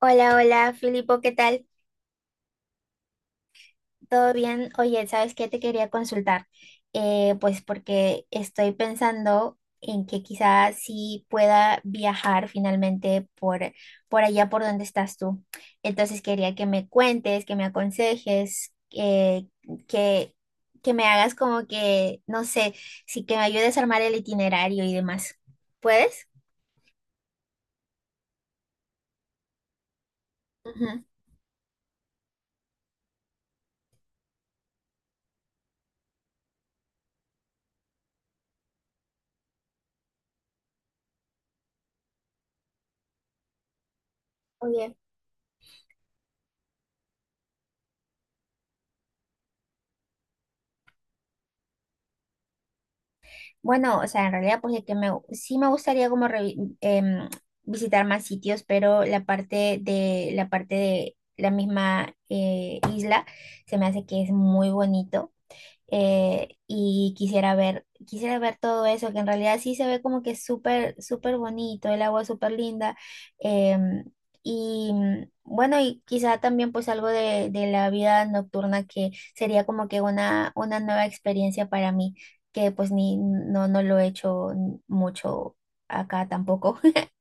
Hola, hola, Filipo, ¿qué tal? ¿Todo bien? Oye, ¿sabes qué te quería consultar? Pues porque estoy pensando en que quizás sí pueda viajar finalmente por allá por donde estás tú. Entonces quería que me cuentes, que me aconsejes, que, que me hagas como que, no sé, sí que me ayudes a armar el itinerario y demás. ¿Puedes? Ujú. Oye. Bueno, o sea, en realidad sí me gustaría como visitar más sitios, pero la parte de la misma isla se me hace que es muy bonito, y quisiera ver todo eso, que en realidad sí se ve como que es súper, súper bonito, el agua es súper linda. em, y bueno, y quizá también pues algo de la vida nocturna que sería como que una nueva experiencia para mí, que pues ni, no, no lo he hecho mucho acá tampoco.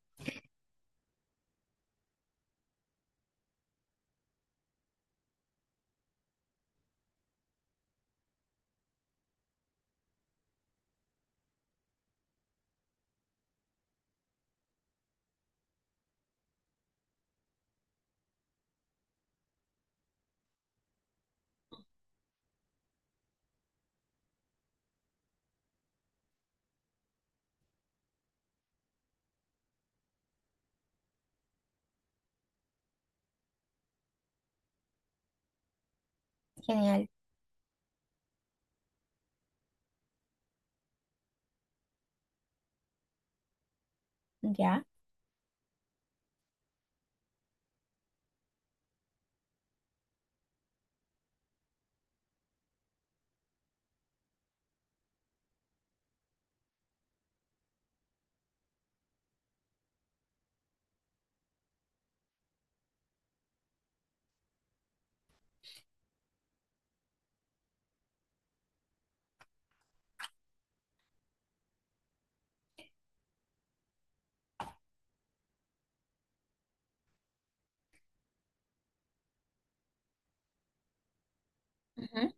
Genial, ya. Ujú.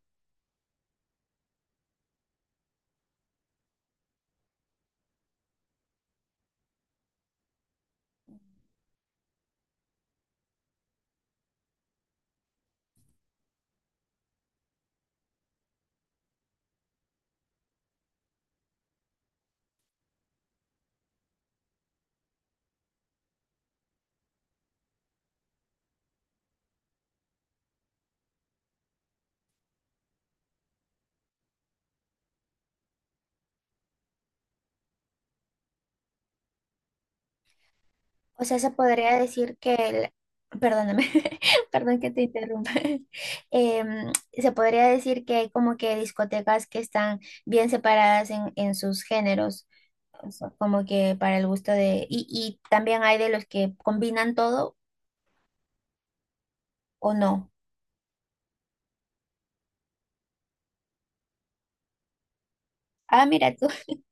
O sea, se podría decir que el, perdóname, perdón que te interrumpa. Se podría decir que hay como que discotecas que están bien separadas en sus géneros, o sea, como que para el gusto de, y también hay de los que combinan todo o no. Ah, mira tú.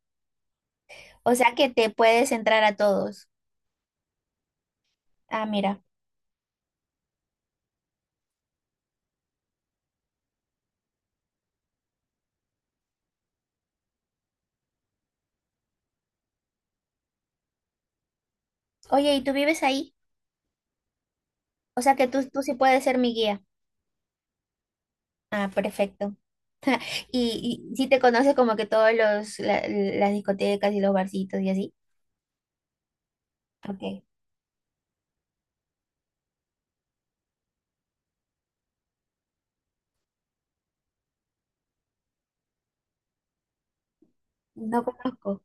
O sea que te puedes entrar a todos. Ah, mira. Oye, ¿y tú vives ahí? O sea que tú sí puedes ser mi guía. Ah, perfecto. Y sí te conoces como que todos las discotecas y los barcitos y así. Ok, no conozco.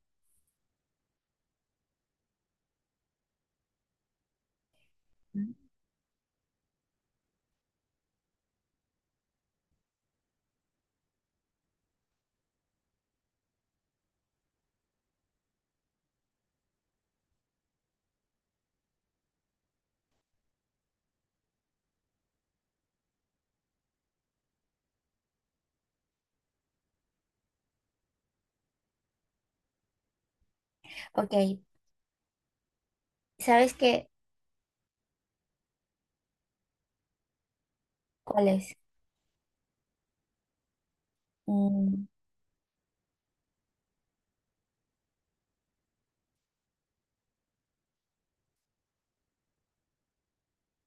Mm. Ok, ¿sabes qué? ¿Cuál es? Mm.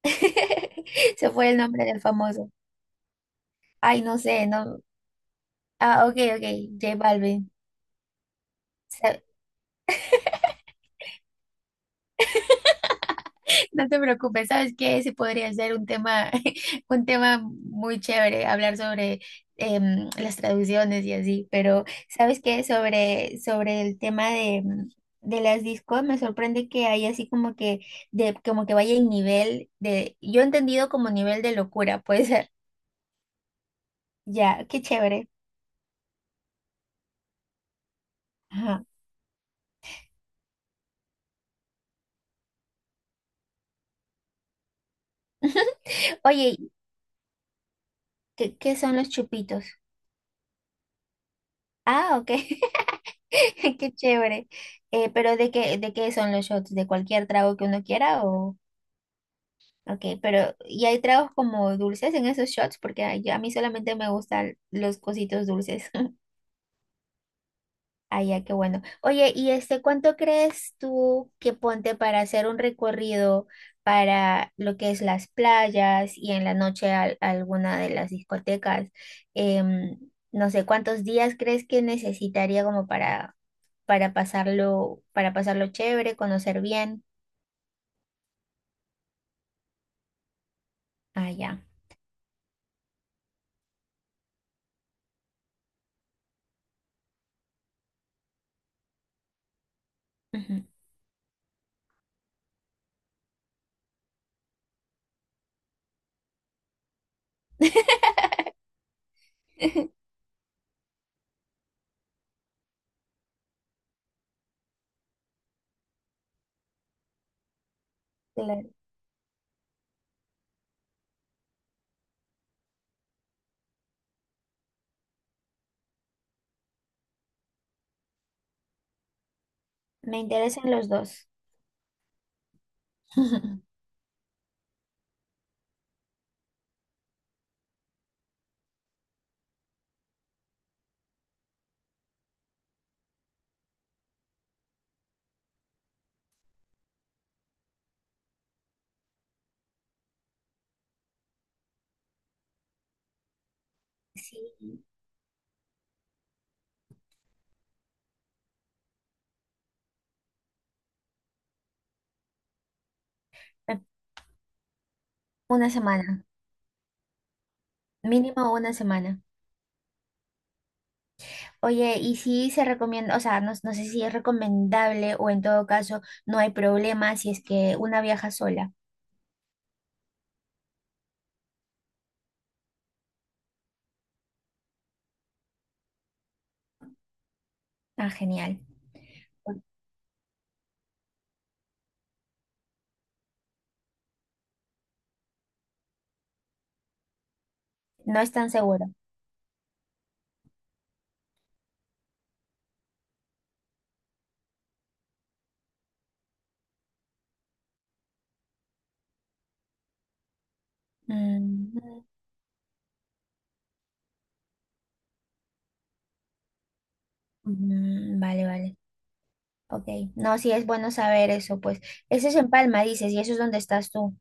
Se fue el nombre del famoso. Ay, no sé, no. Ah, ok, ok, J Balvin. Sa- No te preocupes, sabes que ese podría ser un tema, un tema muy chévere, hablar sobre las traducciones y así, pero sabes que sobre el tema de, de las discos, me sorprende que hay así como que, de, como que vaya en nivel de, yo he entendido como nivel de locura, puede ser. Ya, qué chévere. Ajá. Oye, ¿qué son los chupitos? Ah, ok, qué chévere. Pero ¿de qué son los shots? ¿De cualquier trago que uno quiera o...? Ok, pero ¿y hay tragos como dulces en esos shots? Porque a mí solamente me gustan los cositos dulces. Ah, ya, qué bueno. Oye, ¿y este cuánto crees tú que ponte para hacer un recorrido para lo que es las playas y en la noche alguna de las discotecas? Em, no sé, ¿cuántos días crees que necesitaría como para pasarlo chévere, conocer bien? Ah, ya. Ujú. Claro. Me interesan los dos. Sí, eh, una semana, mínimo una semana. Oye, y si se recomienda, o sea, no sé si es recomendable o en todo caso no hay problema si es que una viaja sola. Ah, genial. No es tan seguro. Mm, mm, vale, vale. Ok. No, sí es bueno saber eso, pues. Eso es en Palma, dices, y eso es donde estás tú.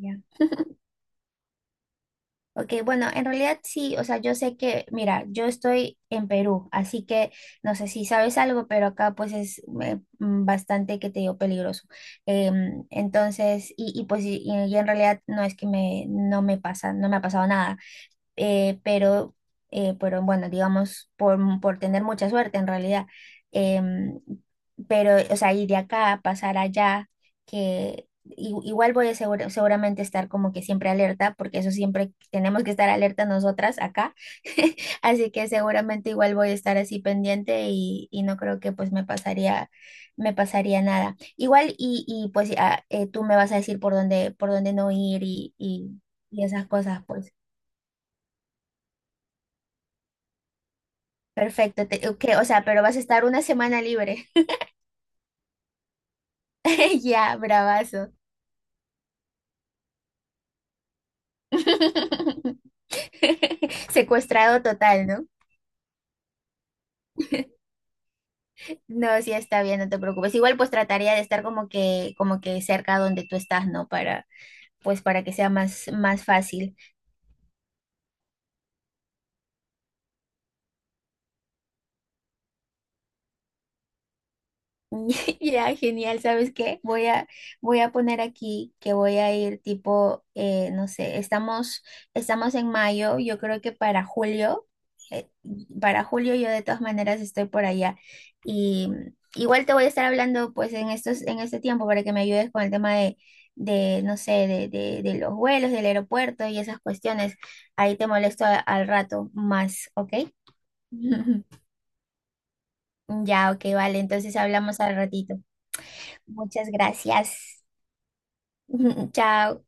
Ya. Ok, bueno, en realidad sí, o sea, yo sé que, mira, yo estoy en Perú, así que no sé si sabes algo, pero acá pues es bastante, que te digo, peligroso. Entonces, y pues y en realidad no me pasa, no me ha pasado nada, eh, pero, pero bueno, digamos, por tener mucha suerte en realidad. Em, pero, o sea, ir de acá, a pasar allá, que igual voy a seguramente estar como que siempre alerta, porque eso siempre tenemos que estar alerta nosotras acá. Así que seguramente igual voy a estar así pendiente y no creo que pues me pasaría nada. Igual y pues tú me vas a decir por dónde no ir y esas cosas, pues. Perfecto, ok, o sea, pero vas a estar una semana libre. Ya, bravazo. Secuestrado total, ¿no? No, sí está bien, no te preocupes. Igual pues trataría de estar como que cerca donde tú estás, ¿no? Para, pues para que sea más, más fácil. Ya, genial, ¿sabes qué? Voy a poner aquí que voy a ir tipo, no sé, estamos en mayo, yo creo que para julio, eh, para julio yo de todas maneras estoy por allá. Y mm, igual te voy a estar hablando pues en en este tiempo para que me ayudes con el tema de no sé, de los vuelos, del aeropuerto y esas cuestiones. Ahí te molesto al rato más, ¿ok? Ya, ok, vale, entonces hablamos al ratito. Muchas gracias. Chao.